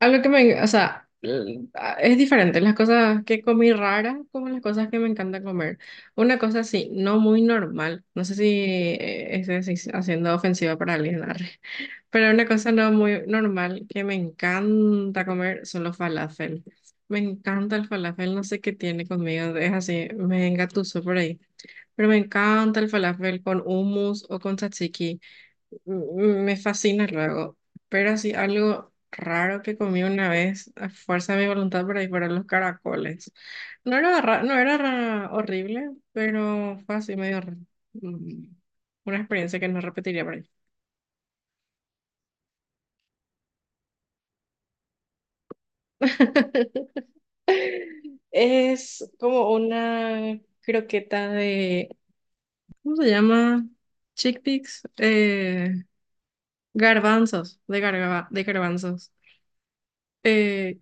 Algo que me, o sea, es diferente las cosas que comí raras como las cosas que me encanta comer. Una cosa así, no muy normal, no sé si estoy así haciendo ofensiva para alguien, arre. Pero una cosa no muy normal que me encanta comer son los falafel. Me encanta el falafel, no sé qué tiene conmigo, es así, me engatuso por ahí. Pero me encanta el falafel con hummus o con tzatziki. Me fascina luego, pero así algo raro que comí una vez a fuerza de mi voluntad por ahí fueron los caracoles. No era, ra- no era ra- horrible, pero fue así medio mm, una experiencia que no repetiría por ahí. Es como una croqueta de, ¿cómo se llama? Chickpeas, garbanzos, de garbanzos. Eh,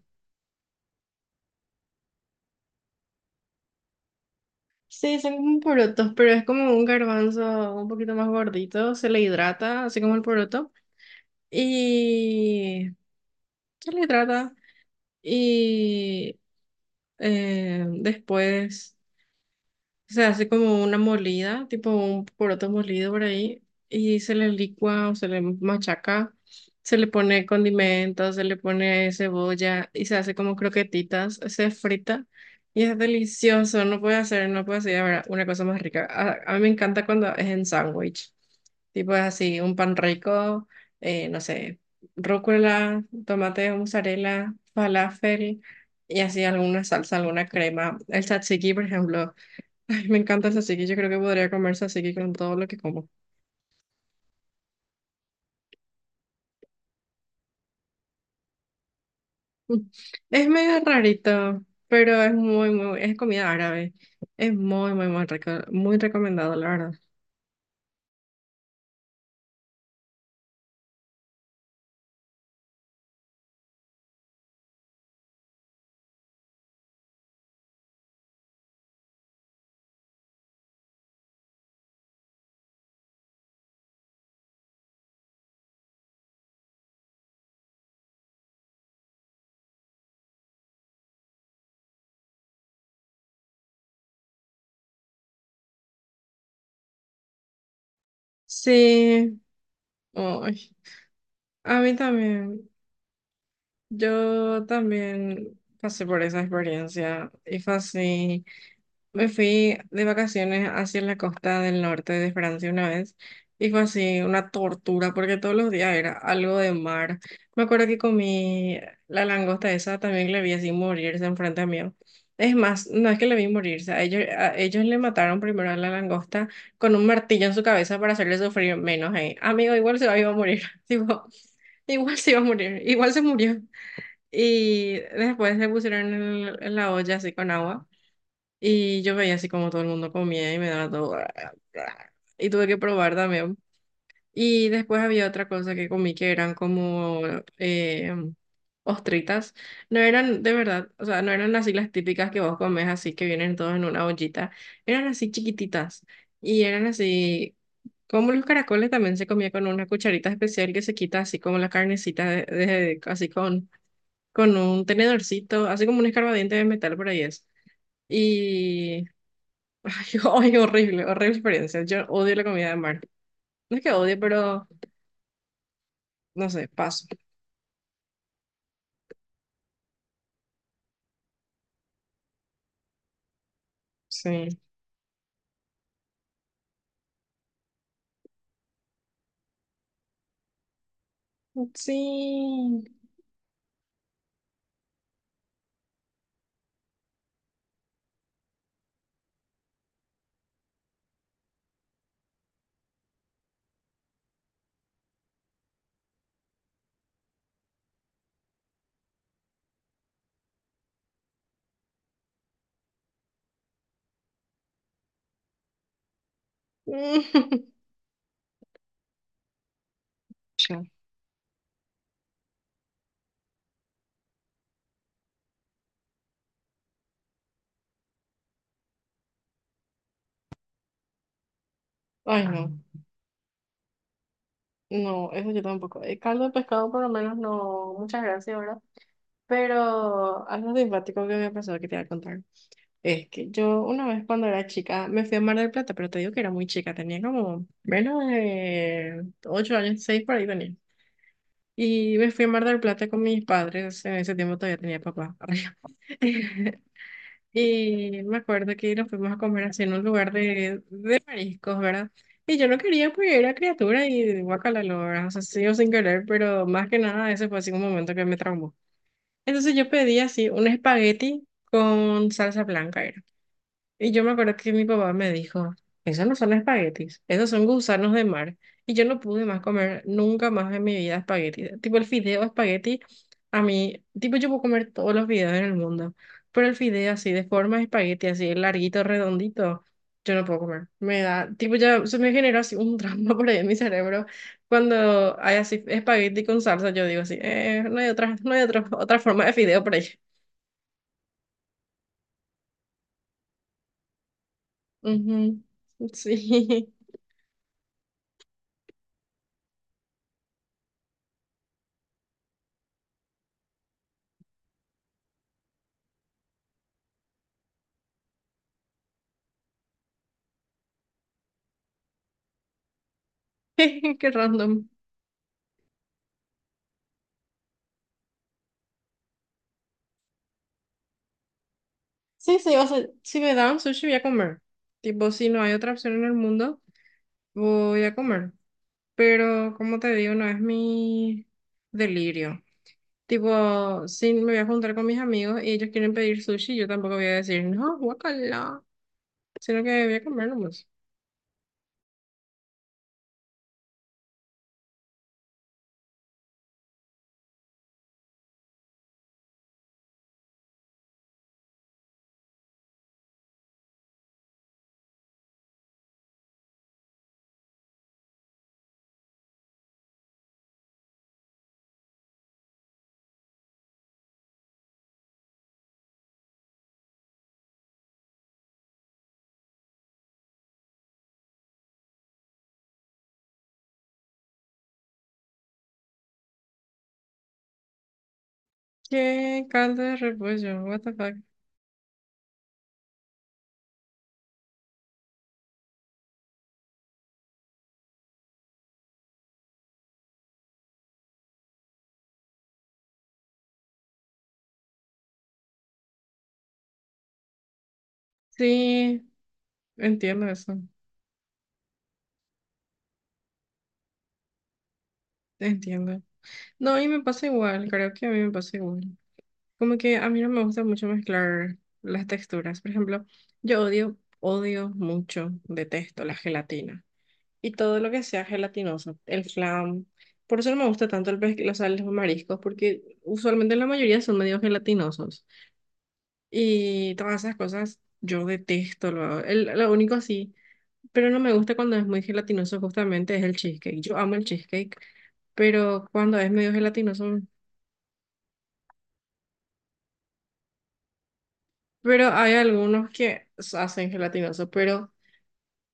Sí, son como porotos, pero es como un garbanzo un poquito más gordito, se le hidrata, así como el poroto, y se le hidrata y después se hace como una molida, tipo un poroto molido por ahí, y se le licua o se le machaca, se le pone condimentos, se le pone cebolla y se hace como croquetitas, se frita y es delicioso. No puede hacer, no puede hacer, ahora una cosa más rica. A mí me encanta cuando es en sándwich, tipo es así, un pan rico, no sé, rúcula, tomate, mozzarella, falafel y así alguna salsa, alguna crema. El tzatziki, por ejemplo. Ay, me encanta el tzatziki, yo creo que podría comer tzatziki con todo lo que como. Mm. Es medio rarito, pero es muy, muy, es comida árabe. Es muy, muy, muy rico, muy recomendado, la verdad. Sí, ay, a mí también. Yo también pasé por esa experiencia y fue así. Me fui de vacaciones hacia la costa del norte de Francia una vez y fue así una tortura porque todos los días era algo de mar. Me acuerdo que comí la langosta esa, también le vi así morirse enfrente mío. Es más, no es que le vi morirse, a ellos le mataron primero a la langosta con un martillo en su cabeza para hacerle sufrir menos. Amigo, igual se iba a morir, tipo, igual se iba a morir, igual se murió. Y después le pusieron en la olla así con agua. Y yo veía así como todo el mundo comía y me daba todo. Y tuve que probar también. Y después había otra cosa que comí que eran como eh, ostritas. No eran de verdad, o sea, no eran así las típicas que vos comes así que vienen todos en una ollita. Eran así chiquititas. Y eran así, como los caracoles también se comía con una cucharita especial que se quita así como la carnecita, así con un tenedorcito, así como un escarbadiente de metal por ahí es. Y Ay, ay, horrible, horrible experiencia. Yo odio la comida de mar. No es que odie, pero no sé, paso. Sí. Sí. Ya. Ay, no. No, eso yo tampoco. El caldo de pescado por lo menos no. Muchas gracias, ¿verdad? Pero algo simpático que me pasó que te voy a contar. Es que yo una vez cuando era chica me fui a Mar del Plata, pero te digo que era muy chica, tenía como menos de 8 años, 6 por ahí tenía. Y me fui a Mar del Plata con mis padres, en ese tiempo todavía tenía papá. Y me acuerdo que nos fuimos a comer así en un lugar de mariscos, ¿verdad? Y yo no quería, pues era criatura y guacala, lo, ¿verdad? O sea, sí o sin querer, pero más que nada ese fue así un momento que me traumó. Entonces yo pedí así un espagueti con salsa blanca, y yo me acuerdo que mi papá me dijo, esos no son espaguetis, esos son gusanos de mar. Y yo no pude más comer nunca más en mi vida espagueti. Tipo el fideo espagueti, a mí, tipo yo puedo comer todos los fideos en el mundo, pero el fideo así de forma de espagueti, así larguito, redondito, yo no puedo comer. Me da, tipo ya se me generó así un trauma por ahí en mi cerebro. Cuando hay así espagueti con salsa, yo digo así, no hay otra, no hay otra, otra forma de fideo por ahí. Ujú, sí, qué random. Sí, sí, o sea, si me dan sushi voy a comer. Tipo, si no hay otra opción en el mundo, voy a comer. Pero, como te digo, no es mi delirio. Tipo, si me voy a juntar con mis amigos y ellos quieren pedir sushi, yo tampoco voy a decir, no, guacala, sino que voy a comer nomás. ¿Qué caldo de repollo? What the fuck? Sí, entiendo eso, entiendo. No, y me pasa igual, creo que a mí me pasa igual. Como que a mí no me gusta mucho mezclar las texturas. Por ejemplo, yo odio, odio mucho, detesto la gelatina y todo lo que sea gelatinoso, el flan. Por eso no me gusta tanto el o sea, los mariscos, porque usualmente la mayoría son medio gelatinosos. Y todas esas cosas yo detesto. Lo único así, pero no me gusta cuando es muy gelatinoso justamente es el cheesecake. Yo amo el cheesecake, pero cuando es medio gelatinoso, pero hay algunos que hacen gelatinoso, pero...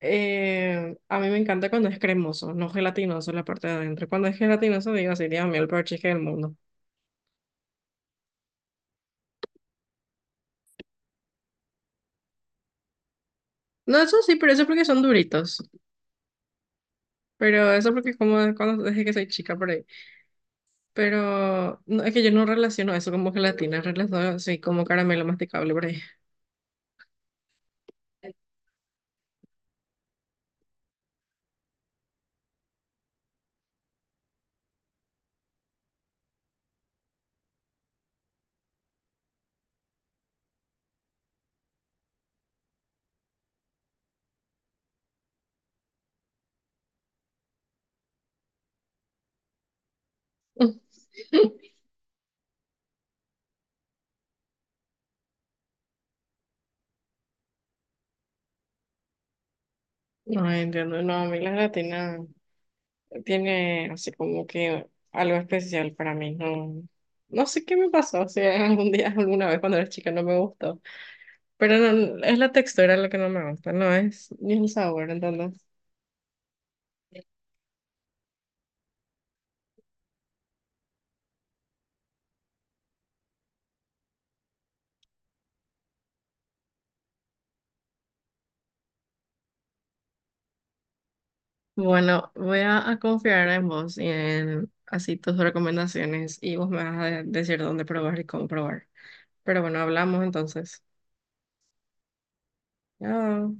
A mí me encanta cuando es cremoso, no gelatinoso la parte de adentro. Cuando es gelatinoso, digo así, Dios mío, el peor cheesecake del mundo. No, eso sí, pero eso es porque son duritos. Pero eso porque como de cuando desde que soy chica por ahí. Pero no, es que yo no relaciono eso como gelatina, relaciono así como caramelo masticable por ahí. No entiendo, no, a mí la gelatina tiene así como que algo especial para mí. No, no sé qué me pasó, si algún día, alguna vez cuando era chica no me gustó. Pero no, es la textura lo que no me gusta, no es ni el sabor, entonces. Bueno, a confiar en vos y en así tus recomendaciones y vos me vas a decir dónde probar y cómo probar. Pero bueno, hablamos entonces. Chao.